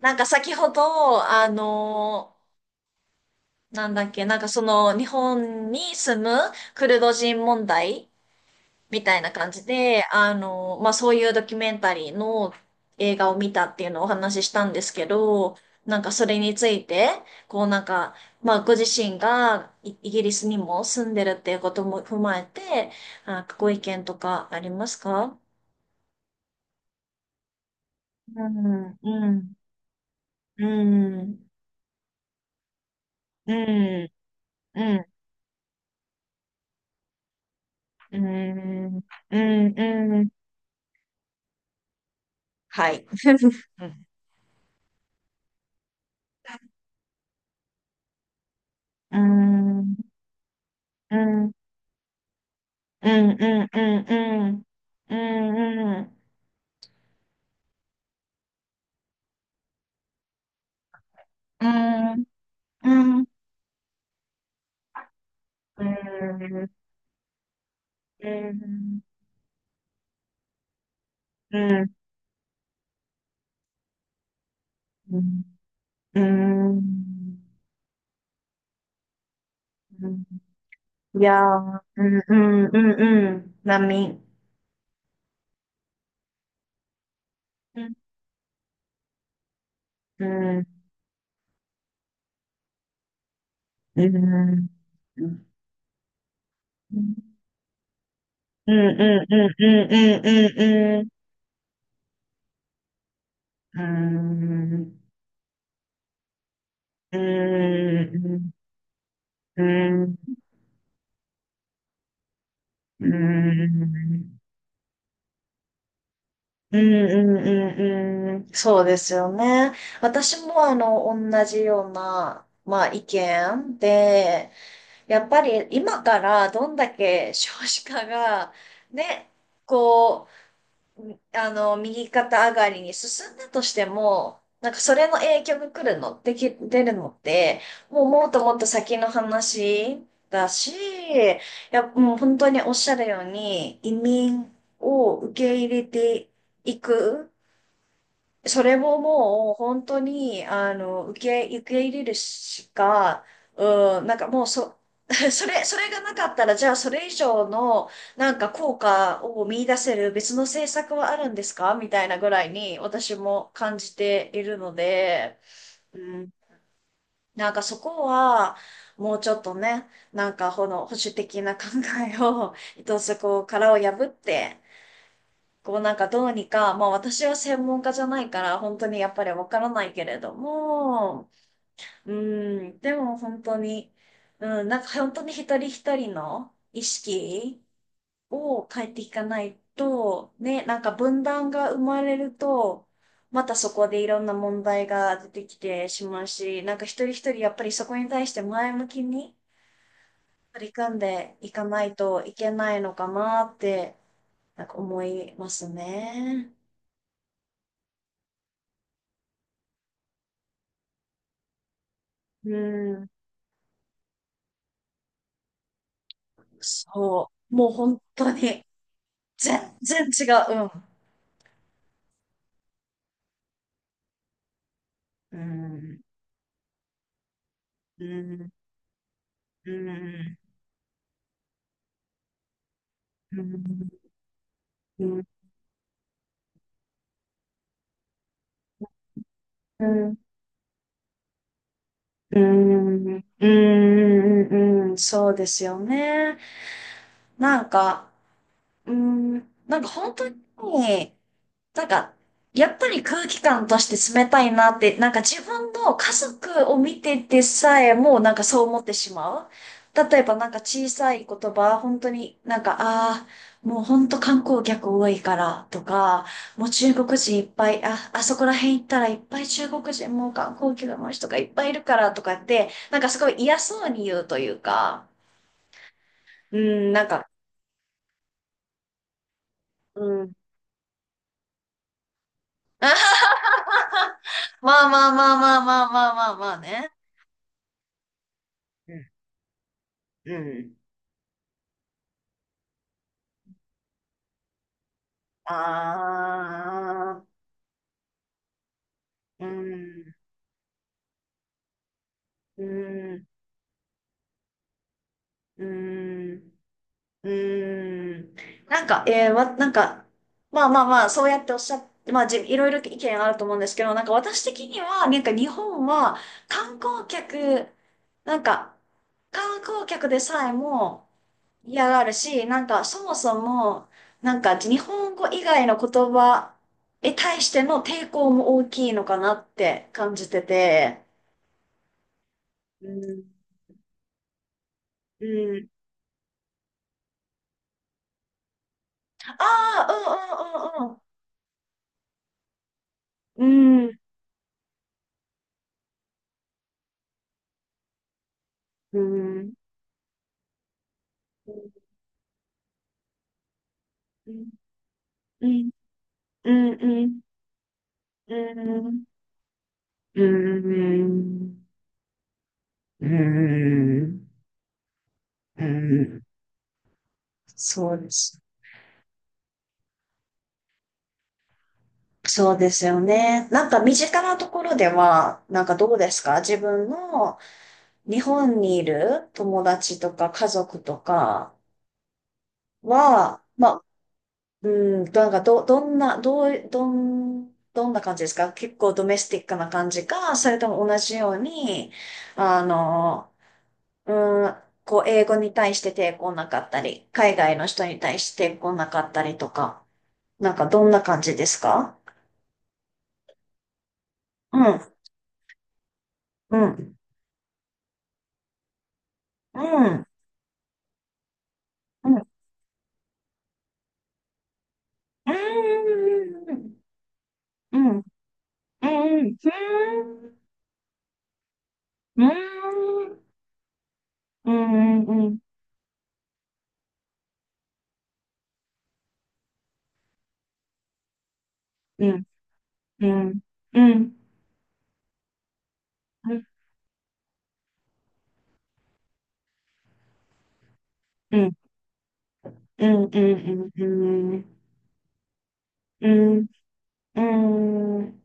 なんか先ほど、なんだっけ、なんかその日本に住むクルド人問題みたいな感じで、まあそういうドキュメンタリーの映画を見たっていうのをお話ししたんですけど、なんかそれについて、こうなんか、まあご自身がイギリスにも住んでるっていうことも踏まえて、あ、ご意見とかありますか？うん、うん、うん、うん、うん。うんうんうん。はい。うんうんうんうんうんうんうんうんうんうんうんうん。うんうん。いや、うんうんうんうん。波、うんうんうんうんうんうんうんうんうんうんうん。うん。うーん。うんうんうんうん。そうですよね。私も同じような、まあ意見で、やっぱり今からどんだけ少子化が、ね、こう、右肩上がりに進んだとしても、なんかそれの影響が来るの、出るのって、もうもっともっと先の話だし、いや、もう本当におっしゃるように、移民を受け入れていく。それももう本当に、受け入れるしか、うん、なんかもうそ、それがなかったら、じゃあそれ以上の、なんか効果を見出せる別の政策はあるんですかみたいなぐらいに私も感じているので、うん、なんかそこは、もうちょっとね、なんかこの保守的な考えを、一つこう殻を破って、こうなんかどうにか、まあ私は専門家じゃないから本当にやっぱりわからないけれども、うん、でも本当に、うん、なんか本当に一人一人の意識を変えていかないと、ね、なんか分断が生まれると、またそこでいろんな問題が出てきてしまうし、なんか一人一人やっぱりそこに対して前向きに取り組んでいかないといけないのかなって、なんか思いますね。うん。そう。もう本当に、全然違う。うん。うん。うん。うん。うん。うん。うん。うん。うん。そうですよね。なんか、うん。なんか本当に、なんか、やっぱり空気感として冷たいなって、なんか自分の家族を見ててさえもなんかそう思ってしまう。例えばなんか小さい言葉、本当になんか、ああ、もう本当観光客多いからとか、もう中国人いっぱい、あ、あそこら辺行ったらいっぱい中国人もう観光客の人がいっぱいいるからとかって、なんかすごい嫌そうに言うというか、うん、なんか、うん。まあまあまあまあまあまあまあまあね。うん。うん。ああ、うん、うん、うん、うん。なんか、なんか、まあまあまあ、そうやっておっしゃって、まあ、いろいろ意見あると思うんですけど、なんか私的には、なんか日本は観光客、なんか、観光客でさえも嫌がるし、なんかそもそも、なんか日本語以外の言葉に対しての抵抗も大きいのかなって感じてて、うんうん。ああ、うんうんうんうん。うん。うん。うん。うん。うん。うん。うん。うん。そうです。そうですよね。なんか身近なところでは、なんかどうですか、自分の日本にいる友達とか家族とかは、ま、なんかどんな感じですか？結構ドメスティックな感じか、それとも同じようにあのうんこう英語に対して抵抗なかったり、海外の人に対して抵抗なかったりとか、なんかどんな感じですか？うんうんうんうんうんうんうんうんうんうんうんうんうんうんうんうんうんうんうんうんうんうんうんうん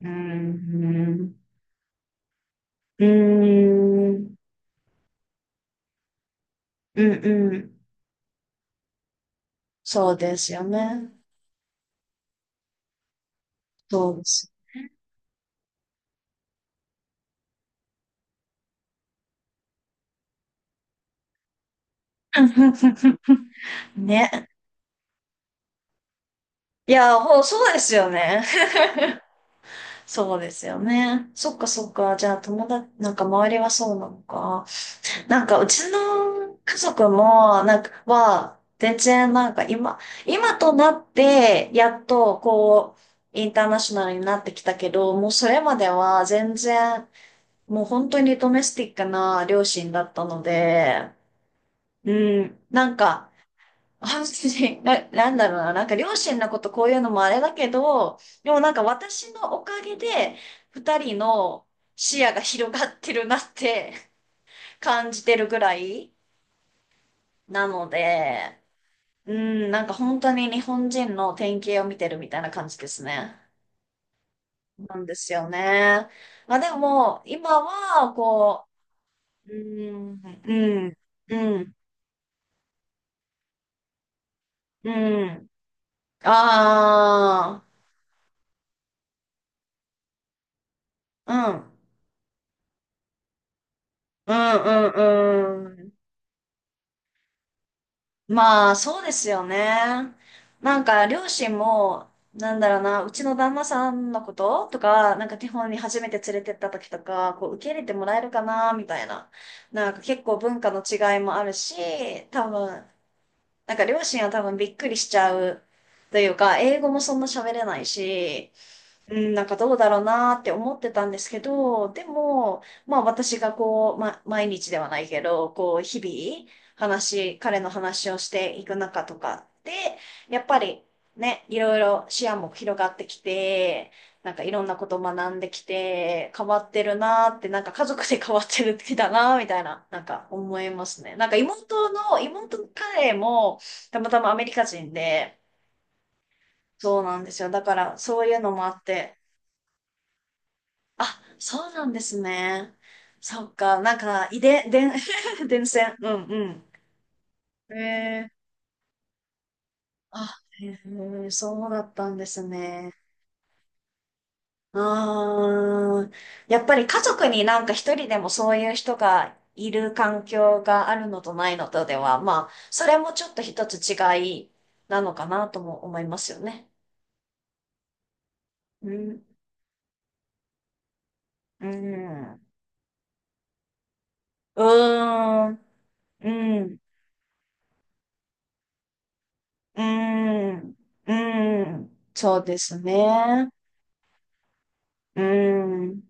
うんうんうん。そうですよね。そうです。ね。いや、もうそうですよね。そうですよね。そっかそっか。じゃあ友達、なんか周りはそうなのか。なんか、うちの家族も、なんか、全然なんか今、今となって、やっと、こう、インターナショナルになってきたけど、もうそれまでは全然、もう本当にドメスティックな両親だったので、うん、なんか、本当に、なんだろうな、なんか両親のことこういうのもあれだけど、でもなんか私のおかげで、二人の視野が広がってるなって感じてるぐらい、なので、うん、なんか本当に日本人の典型を見てるみたいな感じですね。なんですよね。まあでも、今は、こう、うん、うん、うん、うん。ああ、うん、うん、うん、うん。まあ、そうですよね。なんか、両親も、なんだろうな、うちの旦那さんのこととか、なんか日本に初めて連れてった時とか、こう、受け入れてもらえるかな、みたいな。なんか結構文化の違いもあるし、多分、なんか両親は多分びっくりしちゃうというか、英語もそんな喋れないし、うん、なんかどうだろうなーって思ってたんですけど、でも、まあ私がこう、毎日ではないけど、こう、日々、彼の話をしていく中とかで、やっぱりね、いろいろ視野も広がってきて、なんかいろんなこと学んできて、変わってるなーって、なんか家族で変わってる時だなーみたいな、なんか思いますね。なんか妹の彼も、たまたまアメリカ人で、そうなんですよ。だから、そういうのもあって、あ、そうなんですね。そっか、なんか、遺伝、伝、伝染。うん。うん。えー、あ、へー、そうだったんですね。ああ、やっぱり家族になんか一人でもそういう人がいる環境があるのとないのとでは、まあ、それもちょっと一つ違いなのかなとも思いますよね。うん、うん、うーん、うん、うん、うん、そうですね。うーん。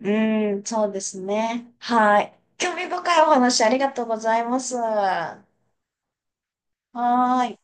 うーん、そうですね。はい。興味深いお話ありがとうございます。はーい。